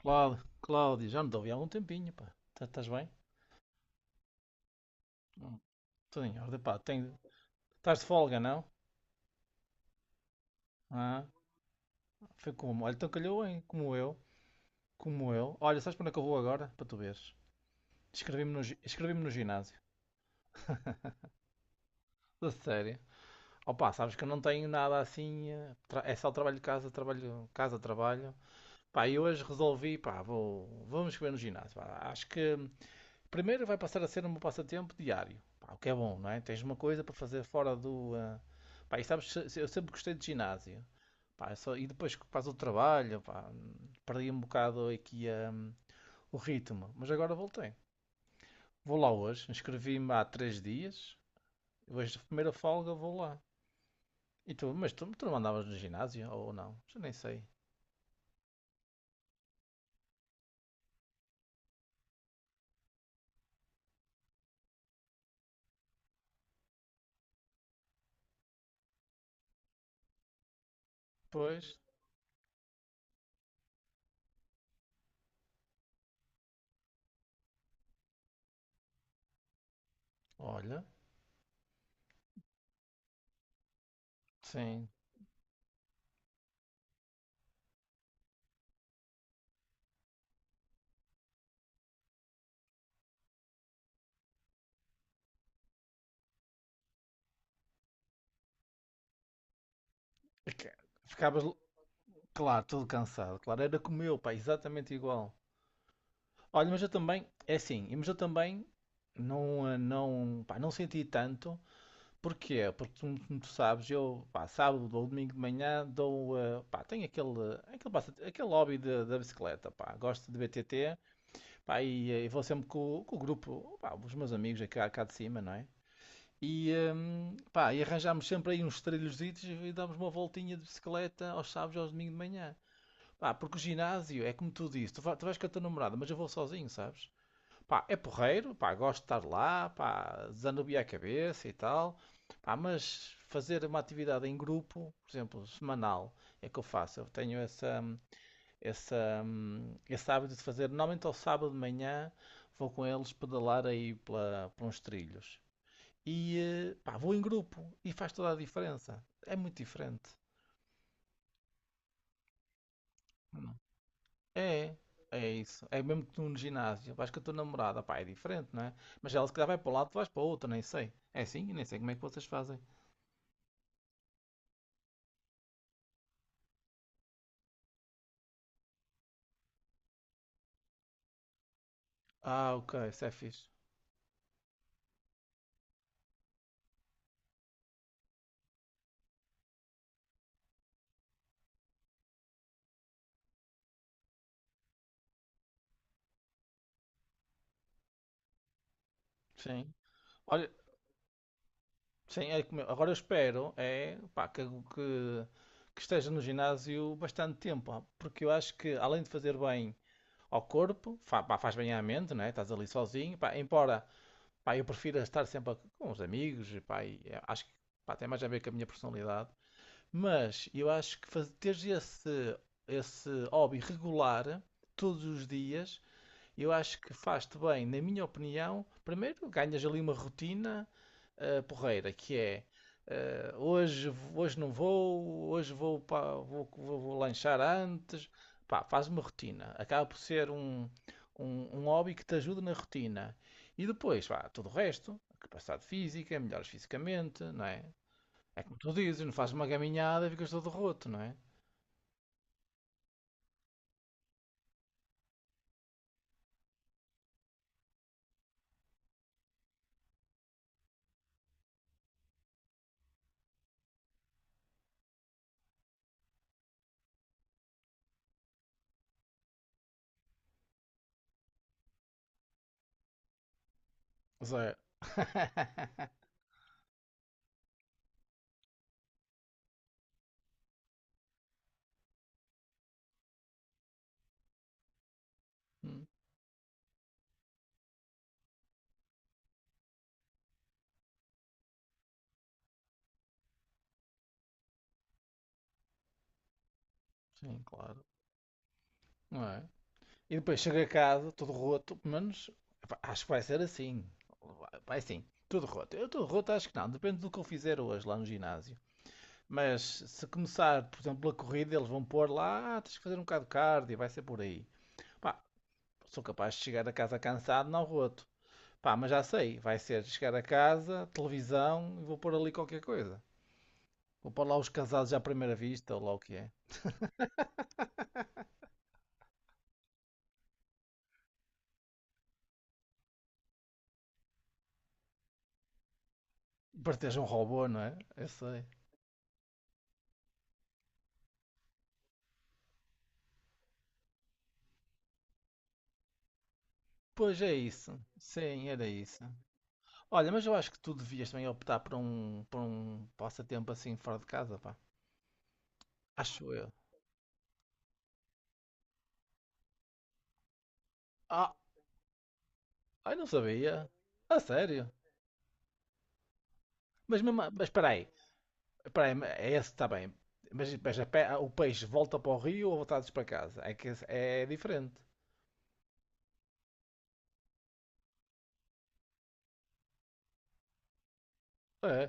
Cláudio, Cláudio, já não te ouvi há um tempinho, pá. Estás bem? Hum, Tudo em ordem, pá. Tenho... Estás de folga, não? Ah, Foi como? Olha, então calhou, hein? Como eu, como eu. Olha, sabes para onde é que eu vou agora? Para tu veres. Inscrevi-me no ginásio. Da série. Oh, pá, sabes que eu não tenho nada assim. É só trabalho de casa, trabalho, casa, trabalho. Pá, e hoje resolvi, pá, vamos escrever no ginásio, pá. Acho que Primeiro vai passar a ser um passatempo diário. Pá, o que é bom, não é? Tens uma coisa para fazer fora Pá, e sabes, eu sempre gostei de ginásio. E depois que faz o trabalho, pá, perdi um bocado aqui o ritmo. Mas agora voltei. Vou lá hoje, inscrevi-me há três dias. Hoje, de primeira folga, vou lá. E tu, mas tu, tu não andavas no ginásio ou não? Já nem sei. Pois, olha, sim. É. Ficavas, claro, todo cansado. Claro, era como eu, pá, exatamente igual. Olha, mas eu também, é assim, mas eu também não, não, pá, não senti tanto. Porquê? Como tu sabes, eu, pá, sábado ou domingo de manhã dou, pá, tenho aquele, aquele hobby da bicicleta, pá, gosto de BTT, pá, vou sempre com o grupo, pá, os meus amigos aqui cá, cá de cima, não é? E, pá, e arranjámos sempre aí uns trilhozitos e damos uma voltinha de bicicleta aos sábados e aos domingos de manhã. Pá, porque o ginásio, é como tu dizes, tu vais com a tua namorada, mas eu vou sozinho, sabes? Pá, é porreiro, pá, gosto de estar lá, pá, desanuviar a cabeça e tal. Pá, mas fazer uma atividade em grupo, por exemplo, semanal, é que eu faço. Eu tenho essa, essa, esse hábito de fazer. Normalmente ao sábado de manhã vou com eles pedalar aí pela, por uns trilhos. E pá, vou em grupo e faz toda a diferença. É muito diferente. É, é isso. É mesmo que tu no ginásio. Vais com a tua namorada, pá, é diferente, não é? Mas ela se calhar vai para um lado, tu vais para o outro, nem sei. É assim? Nem sei como é que vocês fazem. Ah, ok, isso é fixe. Sim. Olha, sim, agora eu espero, é, pá, que, que esteja no ginásio bastante tempo, ó, porque eu acho que além de fazer bem ao corpo, pá, faz bem à mente, não é? Estás ali sozinho, pá, embora, pá, eu prefiro estar sempre com os amigos, pá, e, é, acho que, pá, tem mais a ver com a minha personalidade. Mas eu acho que teres esse, esse hobby regular todos os dias, eu acho que faz-te bem, na minha opinião. Primeiro, ganhas ali uma rotina porreira, que é hoje, hoje não vou, hoje vou, vou lanchar antes. Pá, faz uma rotina. Acaba por ser um, um, um hobby que te ajuda na rotina. E depois, pá, tudo o resto, capacidade física, melhoras fisicamente, não é? É como tu dizes, não fazes uma gaminhada e ficas todo roto, não é? Zé. Hum, Sim, claro. Não é? E depois chego a casa, todo roto, pelo menos epá, acho que vai ser assim. Sim, tudo roto. Eu todo roto acho que não, depende do que eu fizer hoje lá no ginásio. Mas se começar, por exemplo, a corrida, eles vão pôr lá, "Ah, tens que fazer um bocado de cardio, vai ser por aí. Pá, sou capaz de chegar a casa cansado, não roto. Pá, mas já sei, vai ser chegar a casa, televisão e vou pôr ali qualquer coisa. Vou pôr lá os casados à primeira vista, ou lá o que é. Parteja um robô, não é? Eu sei. Pois é isso. Sim, era isso. Olha, mas eu acho que tu devias também optar por um passatempo assim fora de casa, pá. Acho eu. Ah, ai, não sabia. A sério? Mas espera aí. Espera aí, é esse está bem. Mas, o peixe volta para o rio ou voltados para casa? É diferente. É.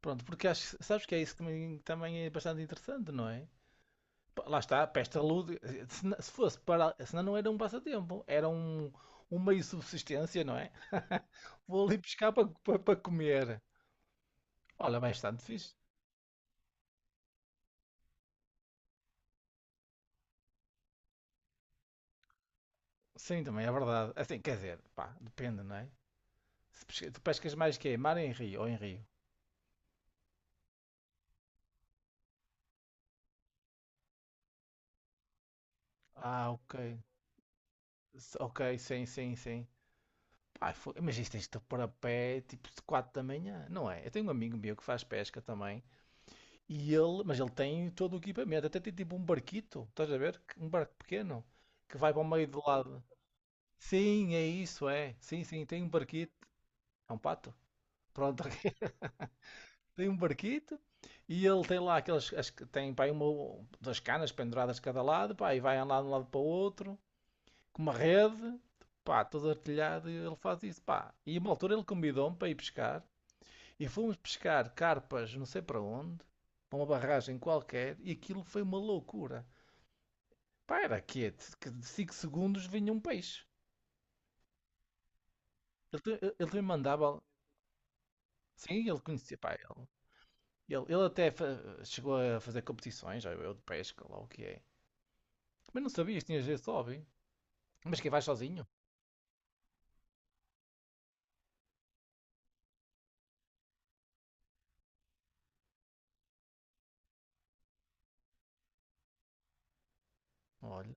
Pronto, porque acho, sabes que é isso que também também é bastante interessante, não é? Pá, lá está, peste a lude. Se fosse para. Senão não era um passatempo, era um, um meio de subsistência, não é? Vou ali pescar para, para, para comer. Olha, bastante fixe. Sim, também é verdade. Assim, quer dizer, pá, depende, não é? Se pesca- Tu pescas mais que é? Mar em rio ou em rio? Ah, ok. Ok, sim, sim, sim. Pá, mas isto tens de te pôr a pé tipo de 4 da manhã, não é? Eu tenho um amigo meu que faz pesca também. E ele, mas ele tem todo o equipamento, até tem tipo um barquito, estás a ver? Um barco pequeno que vai para o meio do lado. Sim, é isso, é. Sim, sim, tem um barquito. É um pato. Pronto, tem um barquito e ele tem lá aquelas. As, tem pá, aí uma, duas canas penduradas de cada lado, pá, e vai andar de um lado para o outro, com uma rede, pá, todo artilhado, e ele faz isso, pá. E a uma altura ele convidou-me para ir pescar e fomos pescar carpas, não sei para onde, para uma barragem qualquer, e aquilo foi uma loucura. Para, quieto, que de 5 segundos vinha um peixe. Ele também mandava. Sim, ele conhecia. Pá, ele, ele chegou a fazer competições, já eu, de pesca, lá o que é. Mas não sabias, tinhas esse hobby. Mas quem vai sozinho? Olha,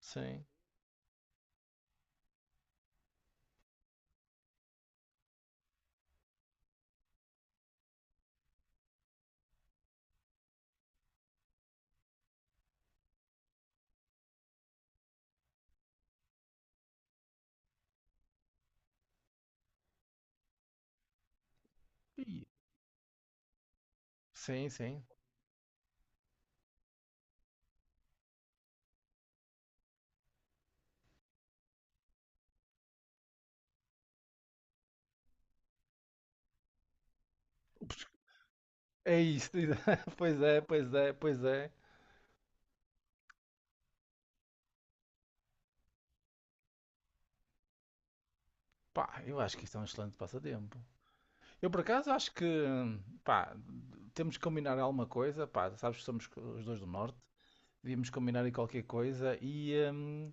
sim. E- Sim, sim. Ups, é isso, pois é, pois é, pois é. Pá, eu acho que isto é um excelente passatempo. Eu por acaso acho que, pá, temos que combinar alguma coisa, pá, sabes que somos os dois do norte. Devíamos combinar aí qualquer coisa. E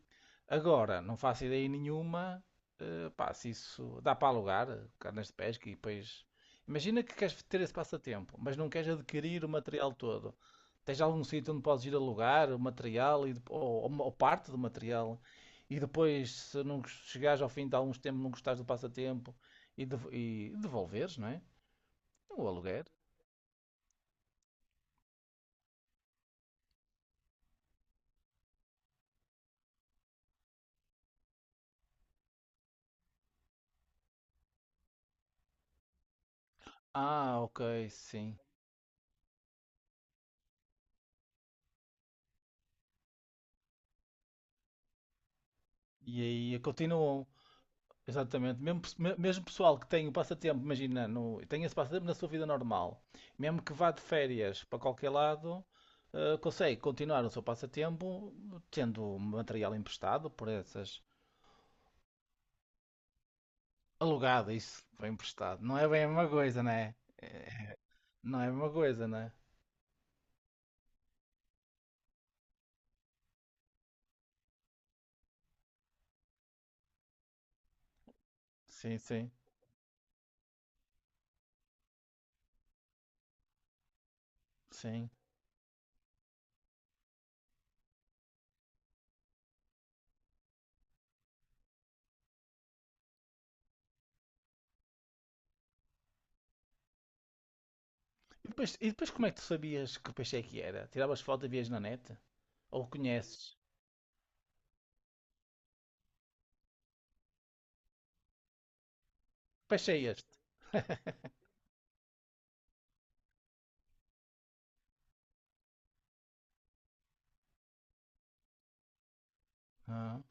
agora, não faço ideia nenhuma. Pá, se isso dá para alugar, carnes de pesca e depois. Imagina que queres ter esse passatempo, mas não queres adquirir o material todo. Tens algum sítio onde podes ir alugar o material e, ou parte do material. E depois, se não gos- chegares ao fim de alguns tempos, não gostares do passatempo e, e devolveres, não é? O aluguer. Ah, ok, sim. E aí continuam. Exatamente. Mesmo, mesmo pessoal que tem o passatempo, imagina, no, tem esse passatempo na sua vida normal, mesmo que vá de férias para qualquer lado, consegue continuar o seu passatempo tendo material emprestado por essas. Alugado, isso, foi emprestado. Não é bem a mesma coisa, não é? É, não é a mesma coisa, não é? Sim, sim, sim. E depois como é que tu sabias que peixe é que era? Tiravas foto e vias na net? Ou conheces? Peixe é este? Ah,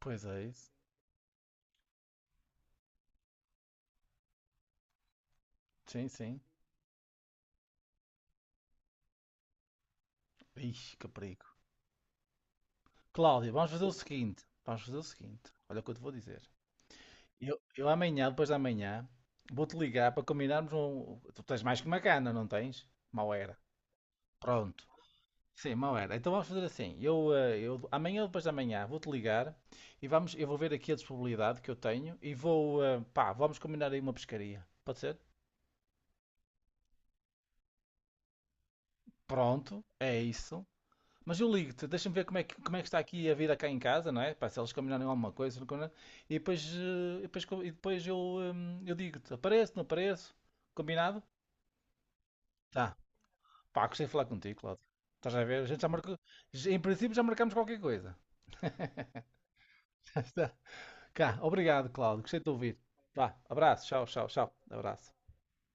pois é isso. Sim, sim. Ixi, que perigo. Cláudio, vamos fazer o seguinte. Vamos fazer o seguinte. Olha o que eu te vou dizer. Eu amanhã, depois de amanhã, vou-te ligar para combinarmos um. Tu tens mais que uma cana, não tens? Mal era. Pronto. Sim, mal era. Então vamos fazer assim. Eu, eu amanhã, depois de amanhã, vou-te ligar e vamos, eu vou ver aqui a disponibilidade que eu tenho e vou, pá, vamos combinar aí uma pescaria. Pode ser? Pronto, é isso. Mas eu ligo-te, deixa-me ver como é que está aqui a vida cá em casa, não é? Pá, se eles combinarem alguma coisa, não combinarem. E depois, e depois, e depois eu digo-te, apareço, não apareço, combinado? Tá. Pá, gostei de falar contigo, Cláudio. Estás a ver? A gente já marcou, em princípio já marcamos qualquer coisa. Cá, obrigado, Cláudio, gostei de te ouvir. Vá, abraço, tchau, tchau, tchau, abraço.